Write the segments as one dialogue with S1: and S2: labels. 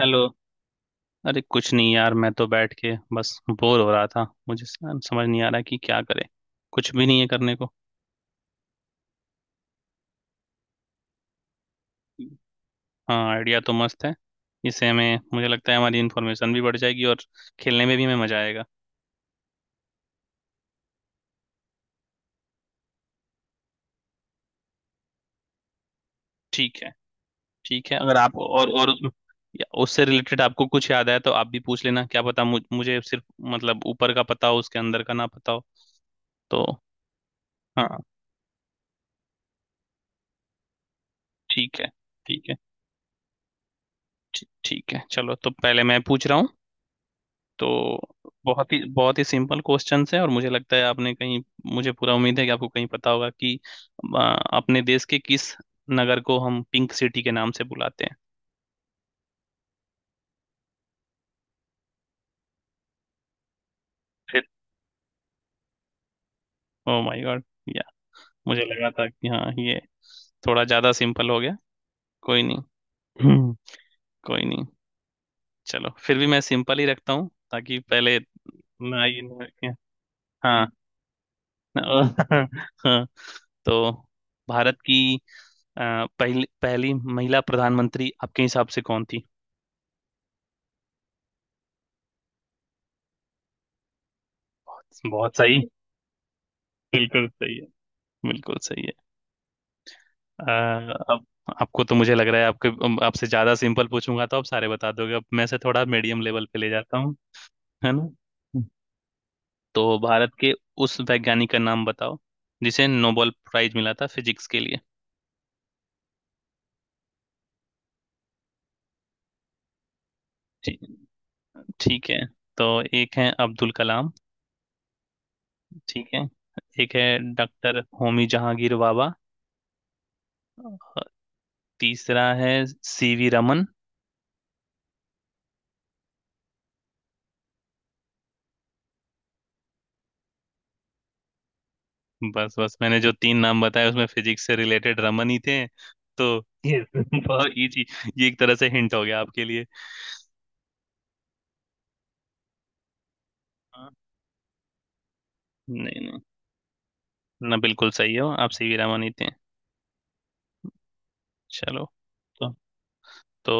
S1: Hello. अरे कुछ नहीं यार, मैं तो बैठ के बस बोर हो रहा था। मुझे समझ नहीं आ रहा कि क्या करें। कुछ भी नहीं है करने को। हाँ, आइडिया तो मस्त है। इससे हमें मुझे लगता है हमारी इन्फॉर्मेशन भी बढ़ जाएगी और खेलने में भी हमें मजा आएगा। ठीक है। ठीक है। अगर आप या उससे रिलेटेड आपको कुछ याद आया तो आप भी पूछ लेना। क्या पता मुझे सिर्फ मतलब ऊपर का पता हो उसके अंदर का ना पता हो तो। हाँ, ठीक है। ठीक है। ठीक ठीक है। चलो तो पहले मैं पूछ रहा हूँ तो। बहुत ही सिंपल क्वेश्चंस है, और मुझे लगता है आपने कहीं, मुझे पूरा उम्मीद है कि आपको कहीं पता होगा कि अ, अपने देश के किस नगर को हम पिंक सिटी के नाम से बुलाते हैं। फिर ओ माय गॉड। या मुझे लगा था कि हाँ, ये थोड़ा ज्यादा सिंपल हो गया। कोई नहीं। हम्म, कोई नहीं। चलो फिर भी मैं सिंपल ही रखता हूँ ताकि पहले। ना ये ना- हाँ। हाँ। तो भारत की अ, पहली पहली महिला प्रधानमंत्री आपके हिसाब से कौन थी? बहुत बहुत सही। बिल्कुल सही है। बिल्कुल सही है। अ, अब, आपको तो मुझे लग रहा है आपके आपसे ज्यादा सिंपल पूछूंगा तो आप सारे बता दोगे। अब मैं से थोड़ा मीडियम लेवल पे ले जाता हूँ। है ना? तो भारत के उस वैज्ञानिक का नाम बताओ जिसे नोबेल प्राइज मिला था फिजिक्स के लिए। ठीक। ठीक है। तो एक है अब्दुल कलाम। ठीक है। एक है डॉक्टर होमी जहांगीर बाबा। अ, तीसरा है सीवी रमन। बस बस, मैंने जो तीन नाम बताए उसमें फिजिक्स से रिलेटेड रमन ही थे तो ये बहुत easy- ये एक तरह से हिंट हो गया आपके लिए। हाँ, नहीं नहीं, ना बिल्कुल सही हो आप, सी वी रमन ही थे। चलो। तो तो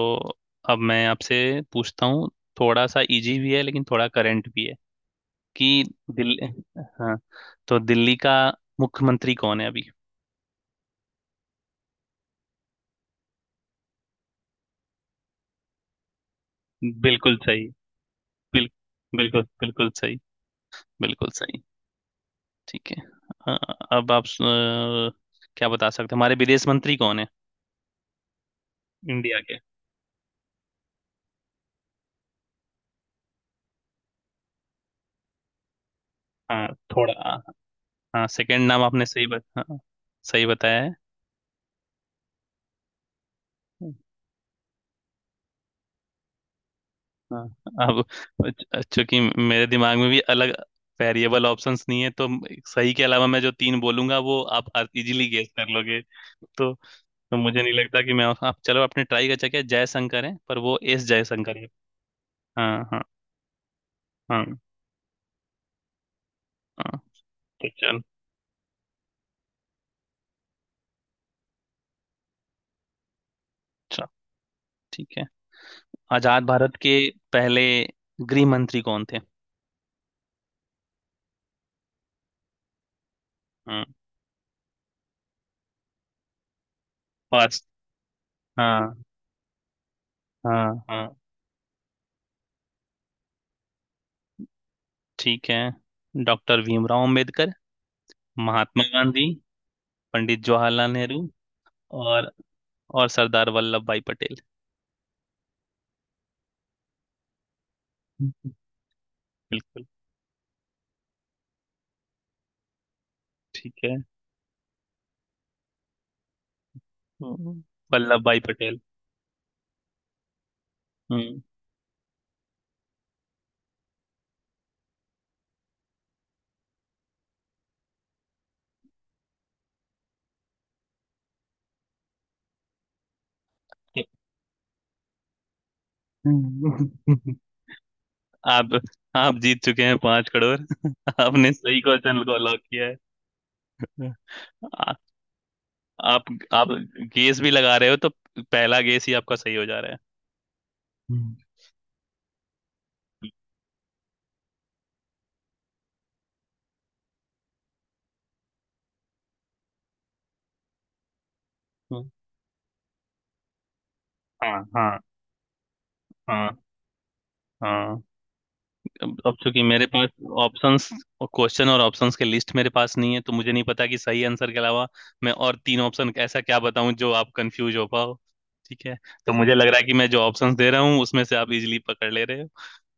S1: अब मैं आपसे पूछता हूँ। थोड़ा सा इजी भी है लेकिन थोड़ा करंट भी है, कि दिल्ली, हाँ, तो दिल्ली का मुख्यमंत्री कौन है अभी? बिल्कुल सही। बिल, बिल्कुल बिल्कुल सही। बिल्कुल सही। ठीक है। अ, अब आप क्या बता सकते हैं? हमारे विदेश मंत्री कौन है? इंडिया के। हाँ, थोड़ा, हाँ सेकंड नाम आपने हाँ, सही बताया है। हाँ। अब चूंकि मेरे दिमाग में भी अलग वेरिएबल ऑप्शंस नहीं है तो सही के अलावा मैं जो तीन बोलूंगा वो आप इजीली गेस कर लोगे तो। तो मुझे नहीं लगता कि मैं, आप चलो आपने ट्राई कर चुके, जयशंकर है पर वो एस जयशंकर है। हाँ, हाँ। हाँ। हाँ। तो चल चल ठीक है। आजाद भारत के पहले गृह मंत्री कौन थे? हम्म फर्स्ट। हाँ हाँ हाँ। ठीक है। डॉक्टर भीमराव अंबेडकर, महात्मा गांधी, पंडित जवाहरलाल नेहरू, और और सरदार वल्लभ भाई पटेल। हम्म, बिल्कुल। ठीक है। हम्म, वल्लभ भाई पटेल। हम्म हम्म। आप आप जीत चुके हैं 5 करोड़। आपने सही क्वेश्चन को लॉक किया है। आ, आप आप गेस भी लगा रहे हो तो पहला गेस ही आपका सही हो जा रहा है। हम्म, हम्म, हाँ हाँ। हाँ। हाँ। अब चूंकि मेरे पास ऑप्शंस और क्वेश्चन और ऑप्शंस के लिस्ट मेरे पास नहीं है तो मुझे नहीं पता कि सही आंसर के अलावा मैं और तीन ऑप्शन ऐसा क्या बताऊं जो आप कंफ्यूज हो पाओ। ठीक है। तो मुझे लग रहा है कि मैं जो ऑप्शंस दे रहा हूँ उसमें से आप इजीली पकड़ ले रहे हो।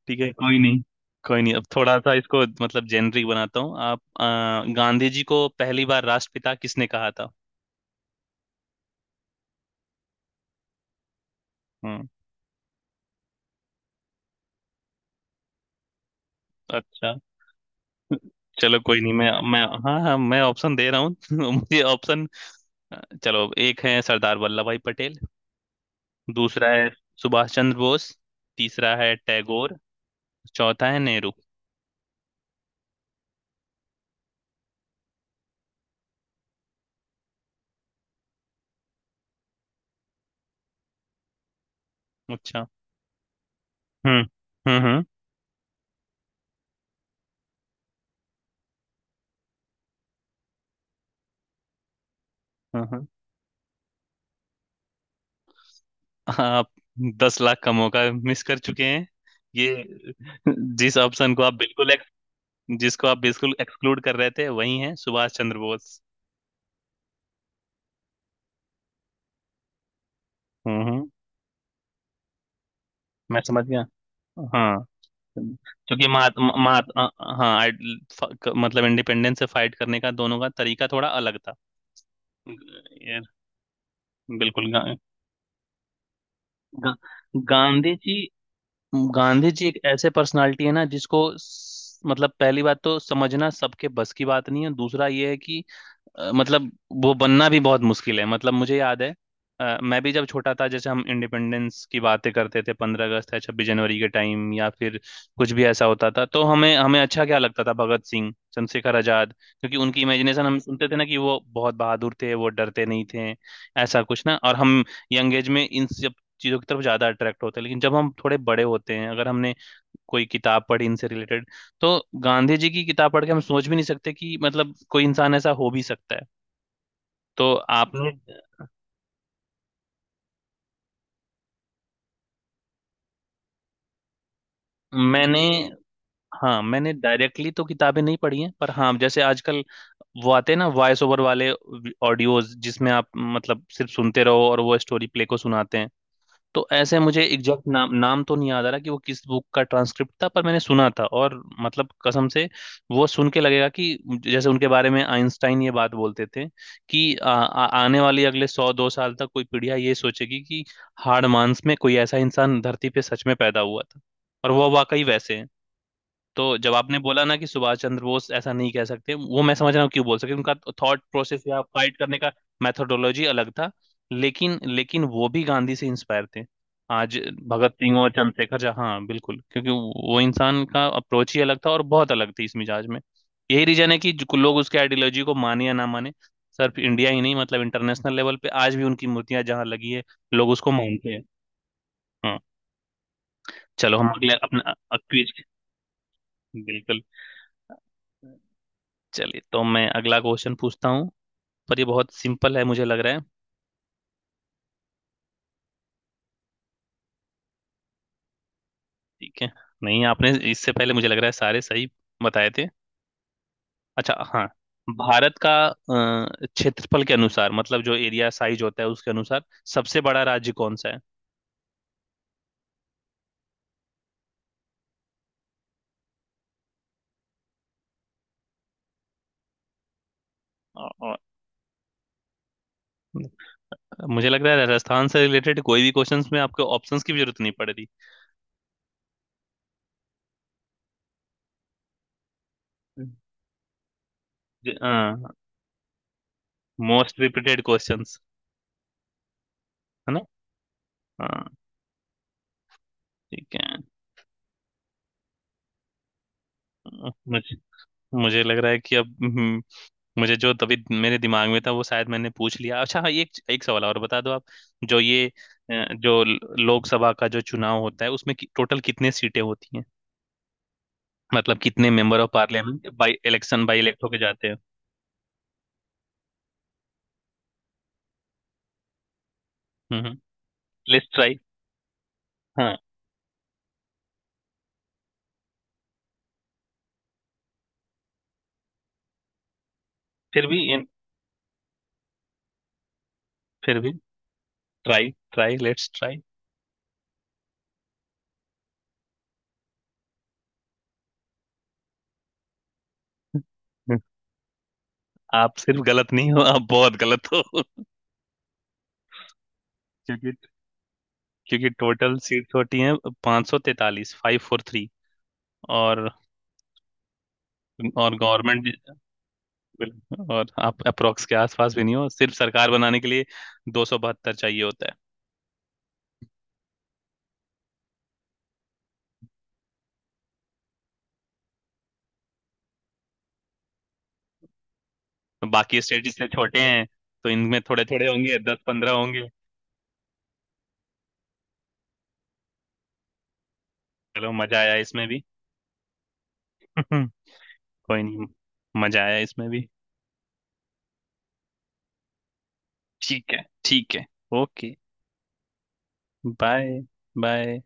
S1: ठीक है, कोई नहीं। कोई नहीं। अब थोड़ा सा इसको मतलब जेनरिक बनाता हूँ। आप गांधी जी को पहली बार राष्ट्रपिता किसने कहा था? हम्म अच्छा। चलो कोई नहीं, मैं हाँ हाँ, मैं ऑप्शन दे रहा हूँ मुझे ऑप्शन। चलो एक है सरदार वल्लभ भाई पटेल, दूसरा है सुभाष चंद्र बोस, तीसरा है टैगोर, चौथा है नेहरू। अच्छा। हम्म हम्म हम्म हम्म। आप 10 लाख का मौका मिस कर चुके हैं। ये जिस ऑप्शन को आप बिल्कुल जिसको आप बिल्कुल एक्सक्लूड कर रहे थे वही है सुभाष चंद्र बोस। हम्म हम्म, मैं समझ गया। हाँ, क्योंकि मात, मात, अ- अ- हाँ आइड- फ- क- मतलब इंडिपेंडेंस से फाइट करने का दोनों का तरीका थोड़ा अलग था। ये बिल्कुल, गा, गा, गांधी जी गांधी जी एक ऐसे पर्सनालिटी है ना जिसको मतलब पहली बात तो समझना सबके बस की बात नहीं है, दूसरा ये है कि मतलब वो बनना भी बहुत मुश्किल है। मतलब मुझे याद है मैं भी जब छोटा था, जैसे हम इंडिपेंडेंस की बातें करते थे 15 अगस्त या 26 जनवरी के टाइम, या फिर कुछ भी ऐसा होता था तो हमें हमें अच्छा क्या लगता था, भगत सिंह, चंद्रशेखर आजाद, क्योंकि उनकी इमेजिनेशन हम सुनते थे ना कि वो बहुत बहादुर थे, वो डरते नहीं थे ऐसा कुछ ना। और हम यंग एज में इन सब चीज़ों की तरफ ज़्यादा अट्रैक्ट होते हैं, लेकिन जब हम थोड़े बड़े होते हैं अगर हमने कोई किताब पढ़ी इनसे रिलेटेड तो गांधी जी की किताब पढ़ के हम सोच भी नहीं सकते कि मतलब कोई इंसान ऐसा हो भी सकता है। तो आपने, मैंने, हाँ मैंने डायरेक्टली तो किताबें नहीं पढ़ी हैं, पर हाँ जैसे आजकल वो आते हैं ना वॉइस ओवर वाले ऑडियोज जिसमें आप मतलब सिर्फ सुनते रहो और वो स्टोरी प्ले को सुनाते हैं, तो ऐसे मुझे एग्जैक्ट नाम नाम तो नहीं याद आ रहा कि वो किस बुक का ट्रांसक्रिप्ट था, पर मैंने सुना था और मतलब कसम से वो सुन के लगेगा कि जैसे उनके बारे में आइंस्टाइन ये बात बोलते थे कि आ, आ, आने वाली अगले सौ दो साल तक कोई पीढ़ियां ये सोचेगी कि हाड़ मांस में कोई ऐसा इंसान धरती पे सच में पैदा हुआ था, और वो वाकई वैसे हैं। तो जब आपने बोला ना कि सुभाष चंद्र बोस ऐसा नहीं कह सकते, वो मैं समझ रहा हूँ क्यों बोल सकते, उनका थॉट प्रोसेस या फाइट करने का मेथोडोलॉजी अलग था। लेकिन लेकिन वो भी गांधी से इंस्पायर थे। आज भगत सिंह और चंद्रशेखर झा, हाँ बिल्कुल, क्योंकि वो इंसान का अप्रोच ही अलग था और बहुत अलग थी इस मिजाज में। यही रीजन है कि जो लोग उसके आइडियोलॉजी को माने या ना माने, सिर्फ इंडिया ही नहीं मतलब इंटरनेशनल लेवल पे आज भी उनकी मूर्तियां जहाँ लगी है लोग उसको मानते हैं। हाँ। चलो हम अगले अपना क्विज। बिल्कुल। चलिए तो मैं अगला क्वेश्चन पूछता हूँ, पर ये बहुत सिंपल है मुझे लग रहा है। ठीक है, नहीं आपने इससे पहले मुझे लग रहा है सारे सही बताए थे। अच्छा हाँ। भारत का क्षेत्रफल के अनुसार, मतलब जो एरिया साइज होता है उसके अनुसार, सबसे बड़ा राज्य कौन सा है? अ- मुझे लग रहा है राजस्थान से रिलेटेड कोई भी क्वेश्चंस में आपको ऑप्शंस की भी जरूरत नहीं पड़ रही। मोस्ट रिपीटेड क्वेश्चंस है ना? हाँ। ठीक है। मुझे मुझे लग रहा है कि अब, मुझे जो तभी मेरे दिमाग में था वो शायद मैंने पूछ लिया। अच्छा हाँ, एक एक सवाल और बता दो आप। जो ये जो लोकसभा का जो चुनाव होता है उसमें कि टोटल कितने सीटें होती हैं, मतलब कितने member of parliament by election by elect होके जाते हैं? Hmm let's try. हाँ। फिर भी इन- फिर भी ट्राई ट्राई लेट्स ट्राई। आप सिर्फ गलत नहीं हो, आप बहुत गलत हो। क्योंकि, क्योंकि टोटल सीट्स होती हैं 543, फाइव फोर थ्री। और और गवर्नमेंट, बिल्कुल। और आप अप्रोक्स के आसपास भी नहीं हो। सिर्फ सरकार बनाने के लिए 272 चाहिए होता है। बाकी स्टेट जिससे छोटे हैं तो इनमें थोड़े थोड़े होंगे, 10-15 होंगे। चलो मजा आया इसमें भी। कोई नहीं, मजा आया इसमें भी। ठीक है। ठीक है। ओके। बाय। बाय।